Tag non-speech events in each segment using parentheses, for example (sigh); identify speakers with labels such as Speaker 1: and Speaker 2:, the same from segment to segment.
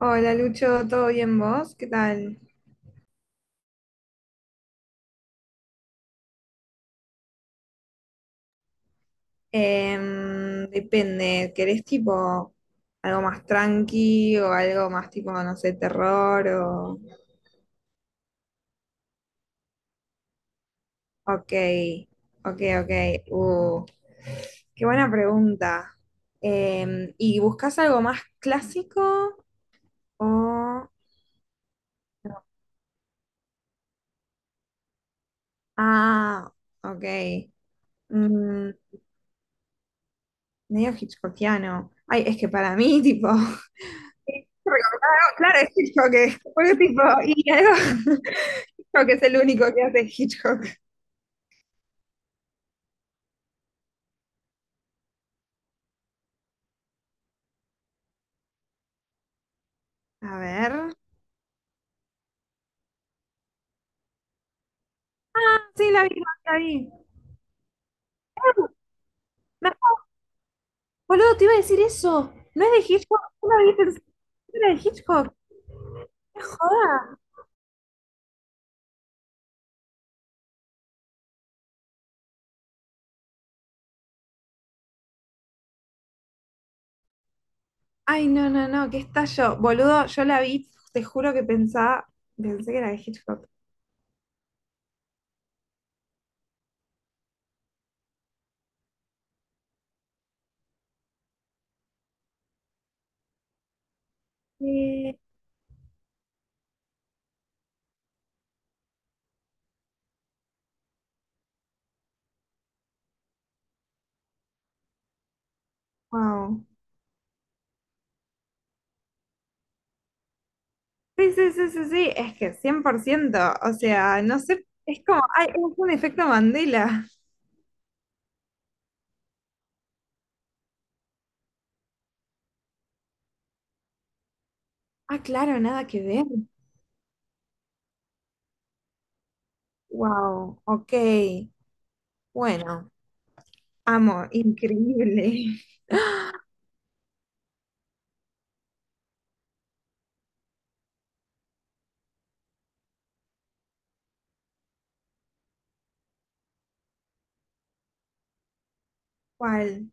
Speaker 1: Hola Lucho, ¿todo bien vos? ¿Qué tal? Depende, ¿querés tipo algo más tranqui o algo más tipo, no sé, terror o... Ok, ok, ok. Uh, qué buena pregunta. ¿Y buscas algo más clásico o... no? Ah, ok. Mm, medio hitchcockiano. Ay, es que para mí, tipo, (laughs) es recordado, claro, es Hitchcock, es porque, tipo, y algo, (laughs) Hitchcock es el único que hace Hitchcock. A ver. Ah, sí, la vi. Ah, acuerdo, boludo, te iba a decir eso. No es de Hitchcock, no la vi, pensé que era de Hitchcock. ¡Qué joda! Ay, no, no, no, qué estallo. Boludo, yo la vi, te juro que pensaba, pensé que era de Hitchcock. Eh, wow. Sí, sí, sí, sí, sí, es que cien por ciento, o sea, no sé, es como, ay, es un efecto Mandela. Ah, claro, nada que ver. Wow, ok, bueno, amo, increíble. (gasps) ¿Cuál?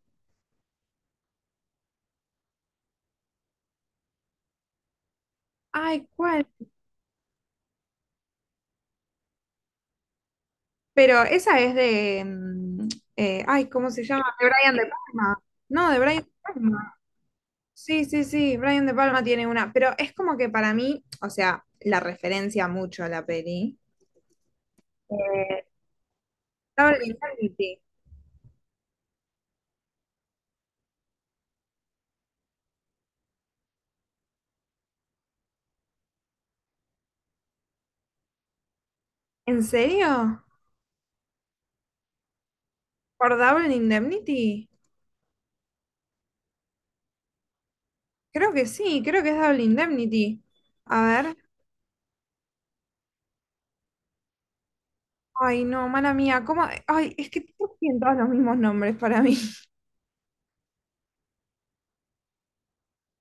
Speaker 1: Ay, ¿cuál? Pero esa es de, ¿cómo se llama? De Brian De Palma. No, de Brian De Palma. Sí, sí, sí, Brian De Palma tiene una, pero es como que para mí, o sea, la referencia mucho a la peli. Eh, Double Indemnity. ¿En serio? ¿Por Double Indemnity? Creo que sí, creo que es Double Indemnity. A ver. Ay, no, mala mía, ¿cómo? Ay, es que todos tienen todos los mismos nombres para mí. (laughs)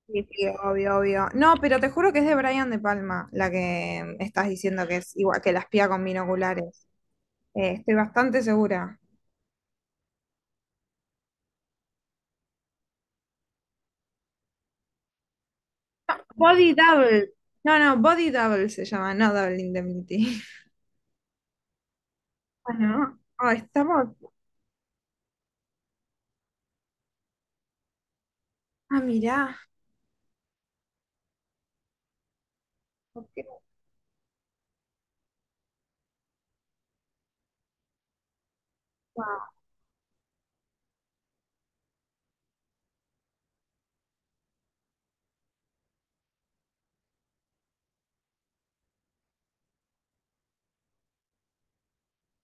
Speaker 1: Sí, sí, obvio, obvio. No, pero te juro que es de Brian De Palma, la que estás diciendo que es igual que la espía con binoculares. Estoy bastante segura. Body Double. No, no, Body Double se llama, no Double Indemnity. (laughs) Bueno, ah, estamos. Ah, mirá.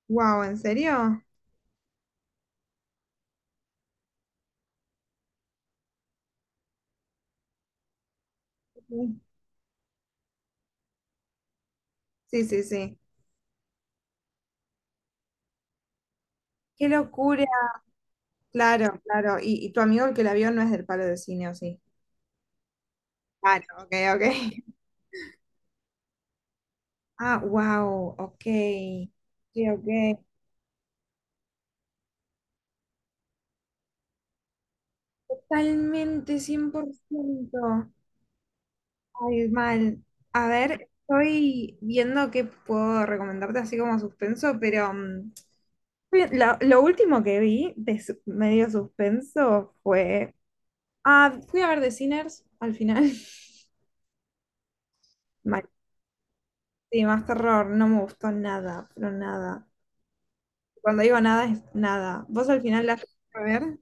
Speaker 1: Wow, ¿en serio? Sí, sí, sí. Qué locura. Claro, claro. Y tu amigo el que la vio no es del palo de cine, ¿o sí? Claro, ok, ok. (laughs) Ah, wow, ok. Sí, ok. Totalmente, 100%. Ay, mal. A ver, estoy viendo qué puedo recomendarte así como suspenso, pero mm, lo último que vi de medio suspenso fue... Ah, fui a ver The Sinners al final. (laughs) Mal. Sí, más terror, no me gustó nada, pero nada. Cuando digo nada, es nada. Vos al final la a ver.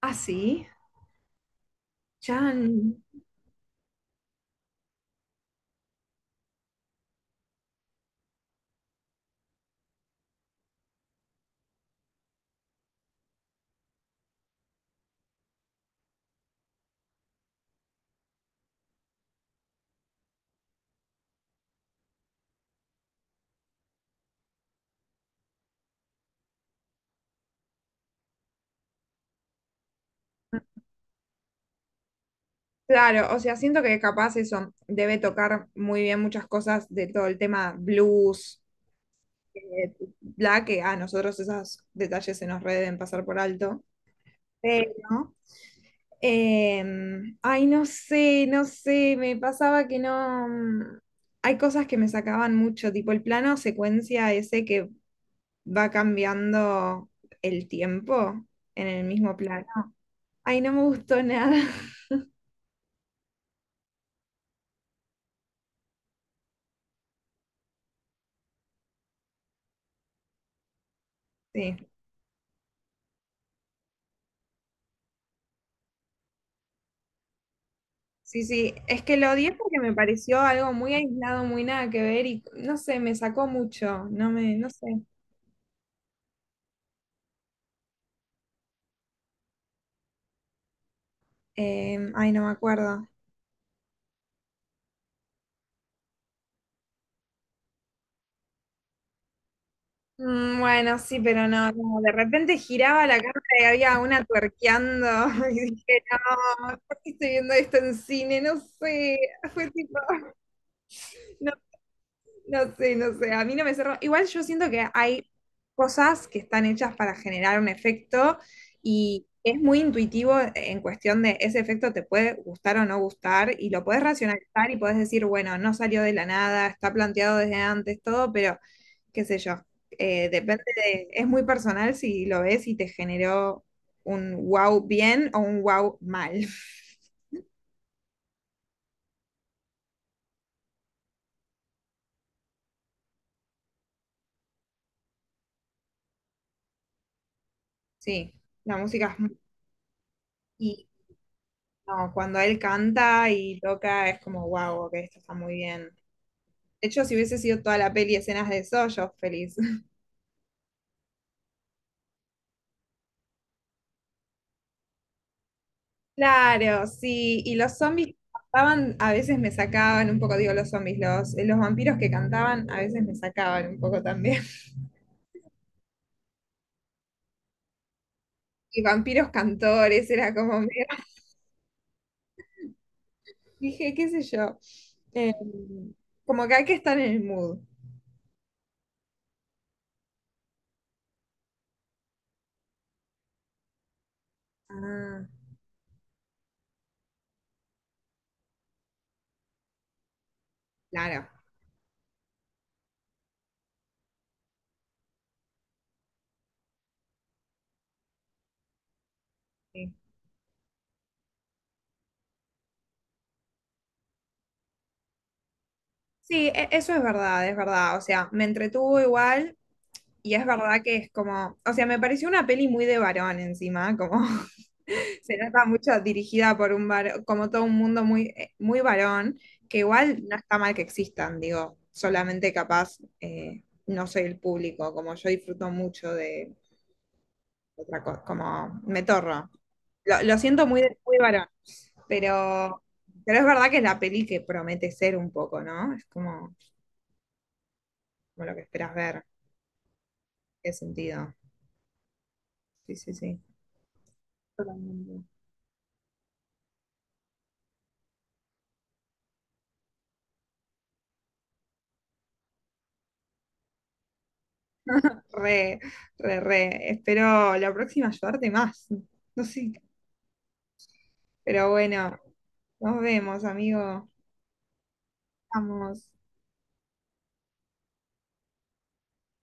Speaker 1: Ah, sí. Chan. Claro, o sea, siento que capaz eso debe tocar muy bien muchas cosas de todo el tema blues, eh, bla, que a nosotros esos detalles se nos re deben pasar por alto. Pero, no sé, no sé, me pasaba que no. Hay cosas que me sacaban mucho, tipo el plano secuencia ese que va cambiando el tiempo en el mismo plano. Ay, no me gustó nada. (laughs) Sí, sí, sí. Es que lo odié porque me pareció algo muy aislado, muy nada que ver y no sé, me sacó mucho. No me, no sé. No me acuerdo. Mm, bueno, sí, pero no, no, de repente giraba la cámara y había una tuerqueando (laughs) y dije, no, ¿por qué estoy viendo esto en cine? No sé, fue tipo, no, no sé, no sé, a mí no me cerró. Igual yo siento que hay cosas que están hechas para generar un efecto y es muy intuitivo en cuestión de ese efecto te puede gustar o no gustar y lo puedes racionalizar y puedes decir, bueno, no salió de la nada, está planteado desde antes, todo, pero qué sé yo, depende de, es muy personal si lo ves y te generó un wow bien o un wow mal. (laughs) Sí, la música es no, cuando él canta y toca es como, wow, que esto está muy bien. De hecho, si hubiese sido toda la peli escenas de eso, yo feliz. (laughs) Claro, sí. Y los zombies que cantaban a veces me sacaban un poco, digo los zombies, los vampiros que cantaban a veces me sacaban un poco también. (laughs) Y vampiros cantores, era como, medio- (laughs) dije, qué sé yo. Eh, Como que hay que estar en el mood. Ah, claro. Sí, sí, eso es verdad, es verdad. O sea, me entretuvo igual. Y es verdad que es como, o sea, me pareció una peli muy de varón encima, como (laughs) se nota mucho dirigida por un varón, como todo un mundo muy, muy varón, que igual no está mal que existan, digo, solamente capaz no soy el público, como yo disfruto mucho de otra cosa, como me torro. Lo siento muy, muy varón, pero, pero es verdad que es la peli que promete ser un poco, ¿no? Es como, como lo que esperas ver, qué sentido. Sí, sí, sí. Totalmente. Re, re, re. Espero la próxima ayudarte más. No sé, pero bueno, nos vemos, amigo. Vamos.